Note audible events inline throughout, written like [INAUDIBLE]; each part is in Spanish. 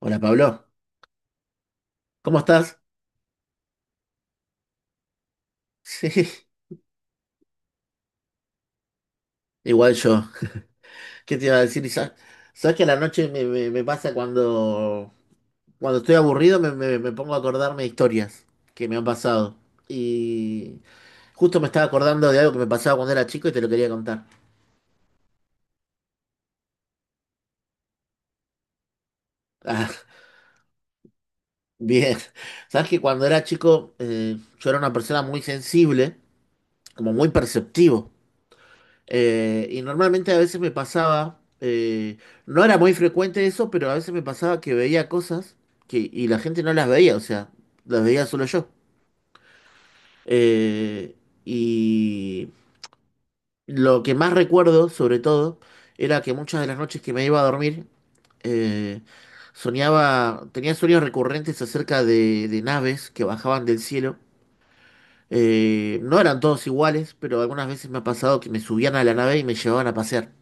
Hola Pablo, ¿cómo estás? [LAUGHS] Sí, igual yo. ¿Qué te iba a decir? ¿Sabes que a la noche me pasa cuando estoy aburrido me pongo a acordarme de historias que me han pasado? Y justo me estaba acordando de algo que me pasaba cuando era chico y te lo quería contar. [LAUGHS] Ah, bien. ¿Sabes que cuando era chico yo era una persona muy sensible, como muy perceptivo? Y normalmente a veces me pasaba, no era muy frecuente eso, pero a veces me pasaba que veía cosas y la gente no las veía, o sea, las veía solo yo. Eh, y lo que más recuerdo, sobre todo, era que muchas de las noches que me iba a dormir, eh, soñaba, tenía sueños recurrentes acerca de naves que bajaban del cielo. No eran todos iguales, pero algunas veces me ha pasado que me subían a la nave y me llevaban a pasear.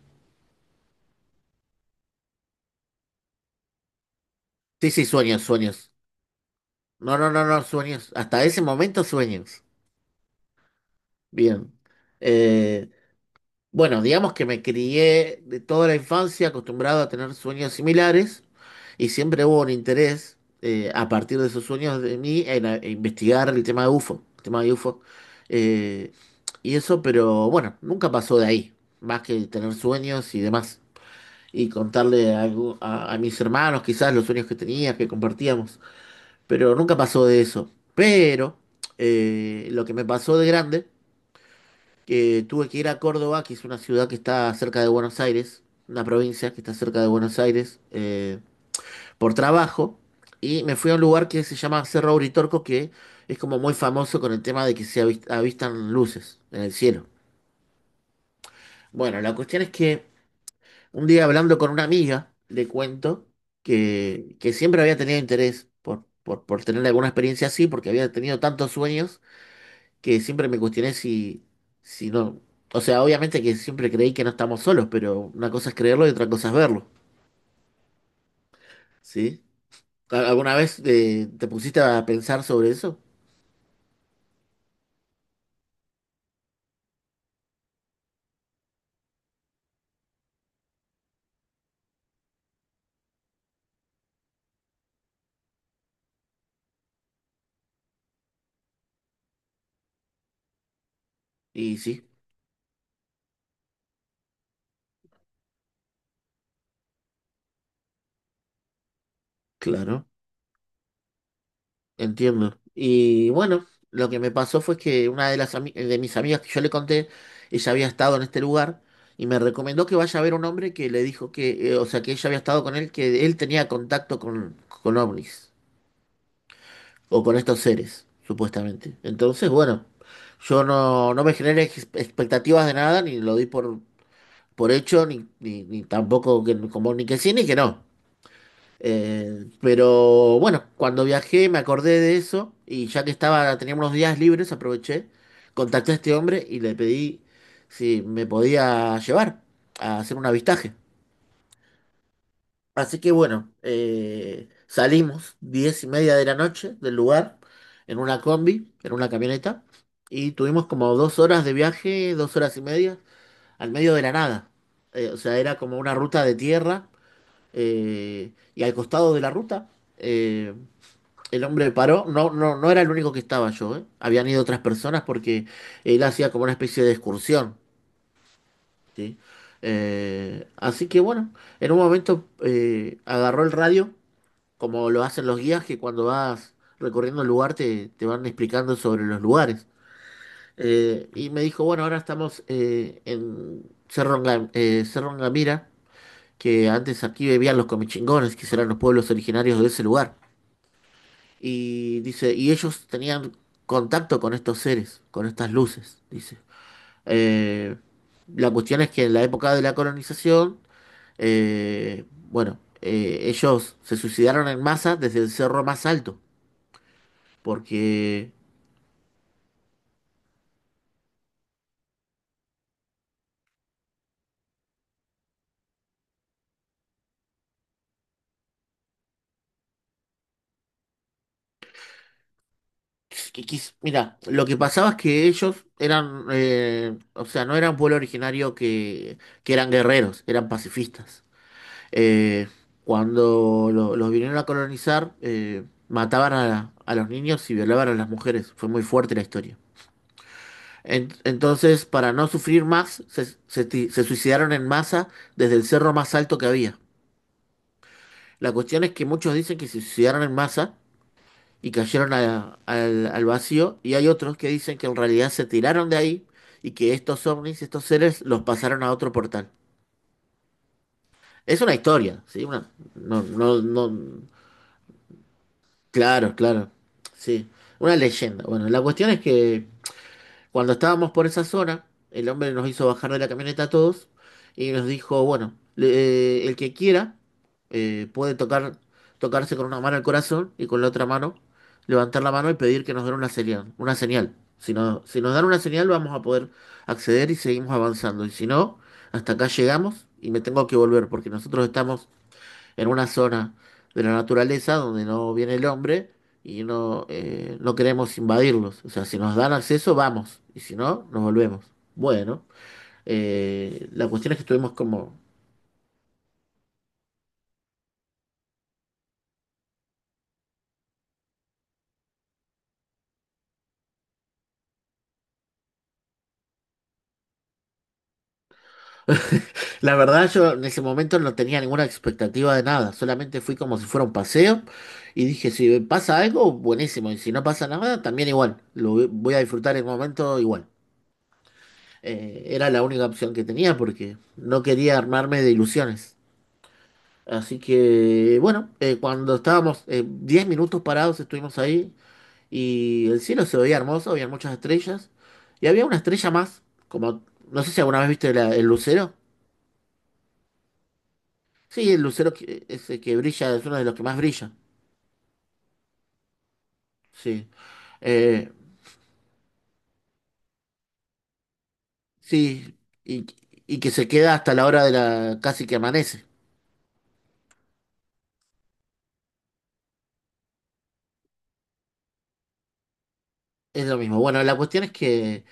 Sí, sí, sueños, sueños. No, no, no, no, sueños. Hasta ese momento sueños. Bien. Eh, bueno, digamos que me crié de toda la infancia acostumbrado a tener sueños similares y siempre hubo un interés a partir de esos sueños de mí en investigar el tema de UFO, el tema de UFO. Eh, y eso, pero bueno, nunca pasó de ahí, más que tener sueños y demás. Y contarle a, algu- a mis hermanos quizás los sueños que tenía, que compartíamos, pero nunca pasó de eso. Pero lo que me pasó de grande, que tuve que ir a Córdoba, que es una ciudad que está cerca de Buenos Aires, una provincia que está cerca de Buenos Aires, por trabajo, y me fui a un lugar que se llama Cerro Uritorco, que es como muy famoso con el tema de que se avistan luces en el cielo. Bueno, la cuestión es que un día hablando con una amiga, le cuento que siempre había tenido interés por tener alguna experiencia así, porque había tenido tantos sueños que siempre me cuestioné si no, o sea, obviamente que siempre creí que no estamos solos, pero una cosa es creerlo y otra cosa es verlo, ¿sí? ¿Alguna vez pusiste a pensar sobre eso? Y sí, claro, entiendo. Y bueno, lo que me pasó fue que una de las ami- de mis amigas que yo le conté, ella había estado en este lugar y me recomendó que vaya a ver un hombre que le dijo o sea, que ella había estado con él, que él tenía contacto con ovnis. O con estos seres, supuestamente. Entonces, bueno, yo no me generé expectativas de nada, ni lo di por hecho, ni tampoco como ni que sí ni que no. Pero bueno, cuando viajé me acordé de eso y ya que estaba, tenía unos días libres, aproveché, contacté a este hombre y le pedí si me podía llevar a hacer un avistaje. Así que bueno, salimos 10:30 de la noche del lugar en una combi, en una camioneta, y tuvimos como 2 horas de viaje, 2 horas y media, al medio de la nada. O sea, era como una ruta de tierra, y al costado de la ruta, eh, el hombre paró. No, no, no era el único que estaba yo, ¿eh? Habían ido otras personas porque él hacía como una especie de excursión, ¿sí? Así que bueno, en un momento agarró el radio como lo hacen los guías que cuando vas recorriendo el lugar te van explicando sobre los lugares. Y me dijo, bueno, ahora estamos en Cerro Ngamira, que antes aquí vivían los comichingones, que eran los pueblos originarios de ese lugar. Y dice, y ellos tenían contacto con estos seres, con estas luces, dice. Eh, la cuestión es que en la época de la colonización, eh, bueno, ellos se suicidaron en masa desde el cerro más alto porque, pues, que quis- mira, lo que pasaba es que ellos eran, o sea, no eran pueblo originario que eran guerreros, eran pacifistas. Eh, Cuando los vinieron a colonizar, mataban a los niños y violaban a las mujeres. Fue muy fuerte la historia. Entonces, para no sufrir más, se suicidaron en masa desde el cerro más alto que había. La cuestión es que muchos dicen que se suicidaron en masa y cayeron al vacío, y hay otros que dicen que en realidad se tiraron de ahí y que estos ovnis, estos seres, los pasaron a otro portal. Es una historia, ¿sí? Una, no, no, no, claro, claro, sí, una leyenda. Bueno, la cuestión es que cuando estábamos por esa zona, el hombre nos hizo bajar de la camioneta a todos y nos dijo, bueno, el que quiera puede tocar, tocarse con una mano el corazón y con la otra mano levantar la mano y pedir que nos den una señal, una señal. Si no, si nos dan una señal vamos a poder acceder y seguimos avanzando. Y si no, hasta acá llegamos y me tengo que volver porque nosotros estamos en una zona de la naturaleza donde no viene el hombre y no, no queremos invadirlos. O sea, si nos dan acceso, vamos, y si no, nos volvemos. Bueno, la cuestión es que estuvimos como [LAUGHS] la verdad, yo en ese momento no tenía ninguna expectativa de nada, solamente fui como si fuera un paseo y dije, si pasa algo, buenísimo, y si no pasa nada, también igual, lo voy a disfrutar el momento igual. Era la única opción que tenía porque no quería armarme de ilusiones. Así que, bueno, cuando estábamos 10 minutos parados, estuvimos ahí y el cielo se veía hermoso, había muchas estrellas y había una estrella más, como, no sé si alguna vez viste el lucero. Sí, el lucero ese que brilla es uno de los que más brilla. Sí. Eh, sí, y, y que se queda hasta la hora de la, casi que amanece. Es lo mismo. Bueno, la cuestión es que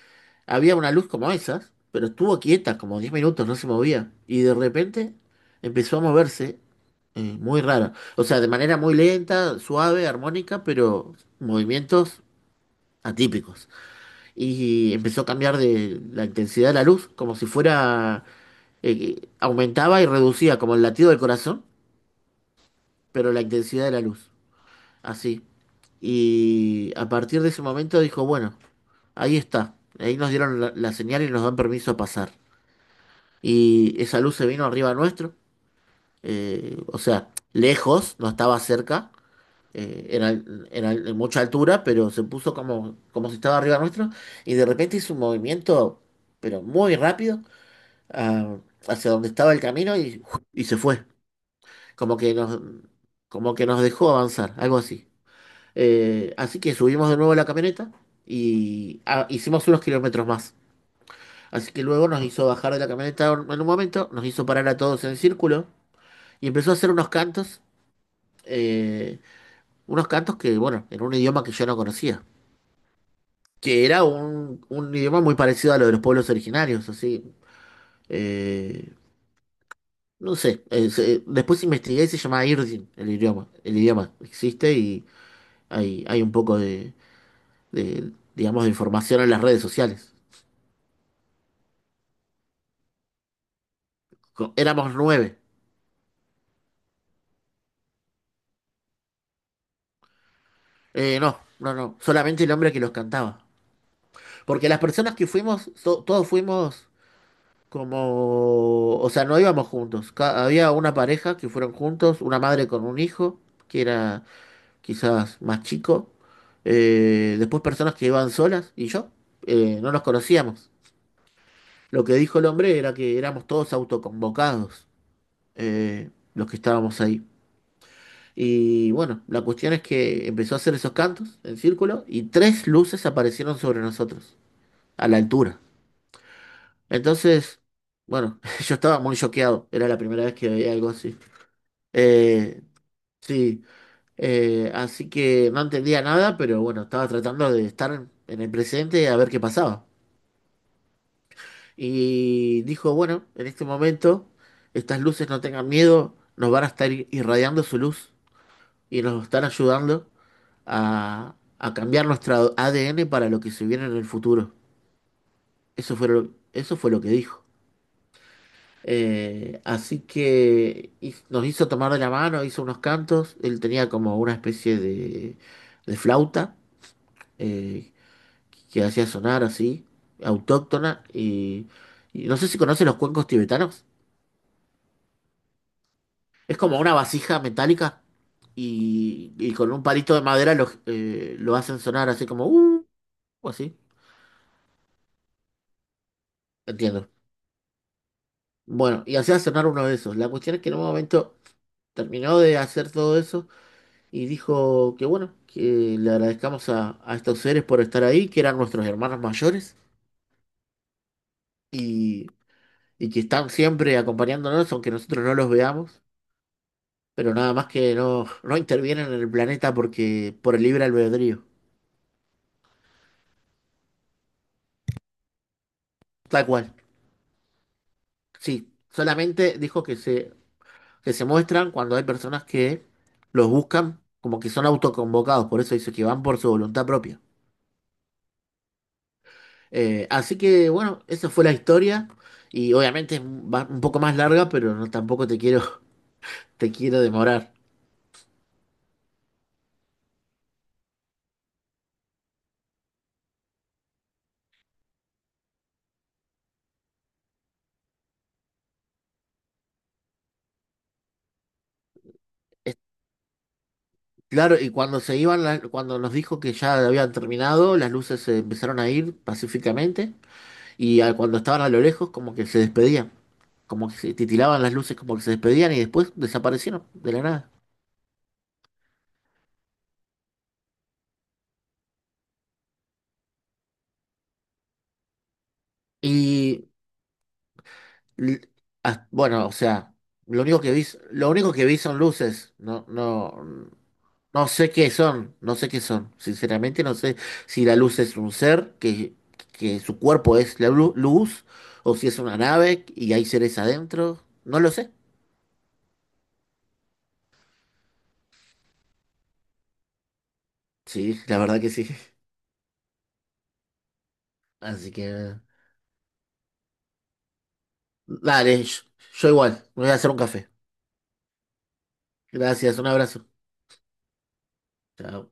había una luz como esas, pero estuvo quieta como 10 minutos, no se movía. Y de repente empezó a moverse, muy rara. O sea, de manera muy lenta, suave, armónica, pero movimientos atípicos. Y empezó a cambiar de la intensidad de la luz, como si fuera, aumentaba y reducía, como el latido del corazón, pero la intensidad de la luz. Así. Y a partir de ese momento dijo, bueno, ahí está. Ahí nos dieron la señal y nos dan permiso a pasar. Y esa luz se vino arriba nuestro, o sea, lejos, no estaba cerca, en mucha altura, pero se puso como si estaba arriba nuestro, y de repente hizo un movimiento, pero muy rápido, ah, hacia donde estaba el camino y se fue, como que nos, como que nos dejó avanzar, algo así. Así que subimos de nuevo a la camioneta y hicimos unos kilómetros más. Así que luego nos hizo bajar de la camioneta en un momento, nos hizo parar a todos en el círculo y empezó a hacer eh, unos cantos que, bueno, en un idioma que yo no conocía, que era un idioma muy parecido a lo de los pueblos originarios, así. eh, no sé, después investigué y se llama Irdin, el idioma. El idioma existe y hay un poco digamos, de información en las redes sociales. Éramos nueve. No, no, no, solamente el hombre que los cantaba. Porque las personas que fuimos, todos fuimos como, o sea, no íbamos juntos. Había una pareja que fueron juntos, una madre con un hijo, que era quizás más chico, después personas que iban solas y yo, no nos conocíamos. Lo que dijo el hombre era que éramos todos autoconvocados, los que estábamos ahí. Y bueno, la cuestión es que empezó a hacer esos cantos en círculo y tres luces aparecieron sobre nosotros, a la altura. Entonces, bueno, [LAUGHS] yo estaba muy choqueado, era la primera vez que veía algo así. Eh, sí, así que no entendía nada, pero bueno, estaba tratando de estar en el presente a ver qué pasaba. Y dijo, bueno, en este momento, estas luces no tengan miedo, nos van a estar irradiando su luz y nos están ayudando a cambiar nuestro ADN para lo que se viene en el futuro. Eso fue eso fue lo que dijo. Así que nos hizo tomar de la mano, hizo unos cantos, él tenía como una especie de flauta eh, que hacía sonar así, autóctona, y no sé si conoces los cuencos tibetanos. Es como una vasija metálica y con un palito de madera lo hacen sonar así como, o así, entiendo. Bueno, y hacía sonar uno de esos. La cuestión es que en un momento terminó de hacer todo eso y dijo que bueno, que le agradezcamos a estos seres por estar ahí, que eran nuestros hermanos mayores y, y que están siempre acompañándonos, aunque nosotros no los veamos. Pero nada más que no, no intervienen en el planeta porque por el libre albedrío. Tal cual. Sí, solamente dijo que se muestran cuando hay personas que los buscan, como que son autoconvocados, por eso dice que van por su voluntad propia. Así que bueno, esa fue la historia y obviamente es un poco más larga, pero no tampoco te quiero, [LAUGHS] te quiero demorar. Es- Claro, y cuando se iban, cuando nos dijo que ya habían terminado, las luces se empezaron a ir pacíficamente. Y cuando estaban a lo lejos, como que se despedían, como que se titilaban las luces, como que se despedían y después desaparecieron de la nada. Y l- bueno, o sea, lo único que vi, lo único que vi son luces. No, no, no sé qué son, no sé qué son. Sinceramente, no sé si la luz es un ser que su cuerpo es la luz o si es una nave y hay seres adentro. No lo sé. Sí, la verdad que sí. [LAUGHS] Así que dale, yo igual, me voy a hacer un café. Gracias, un abrazo. Chao.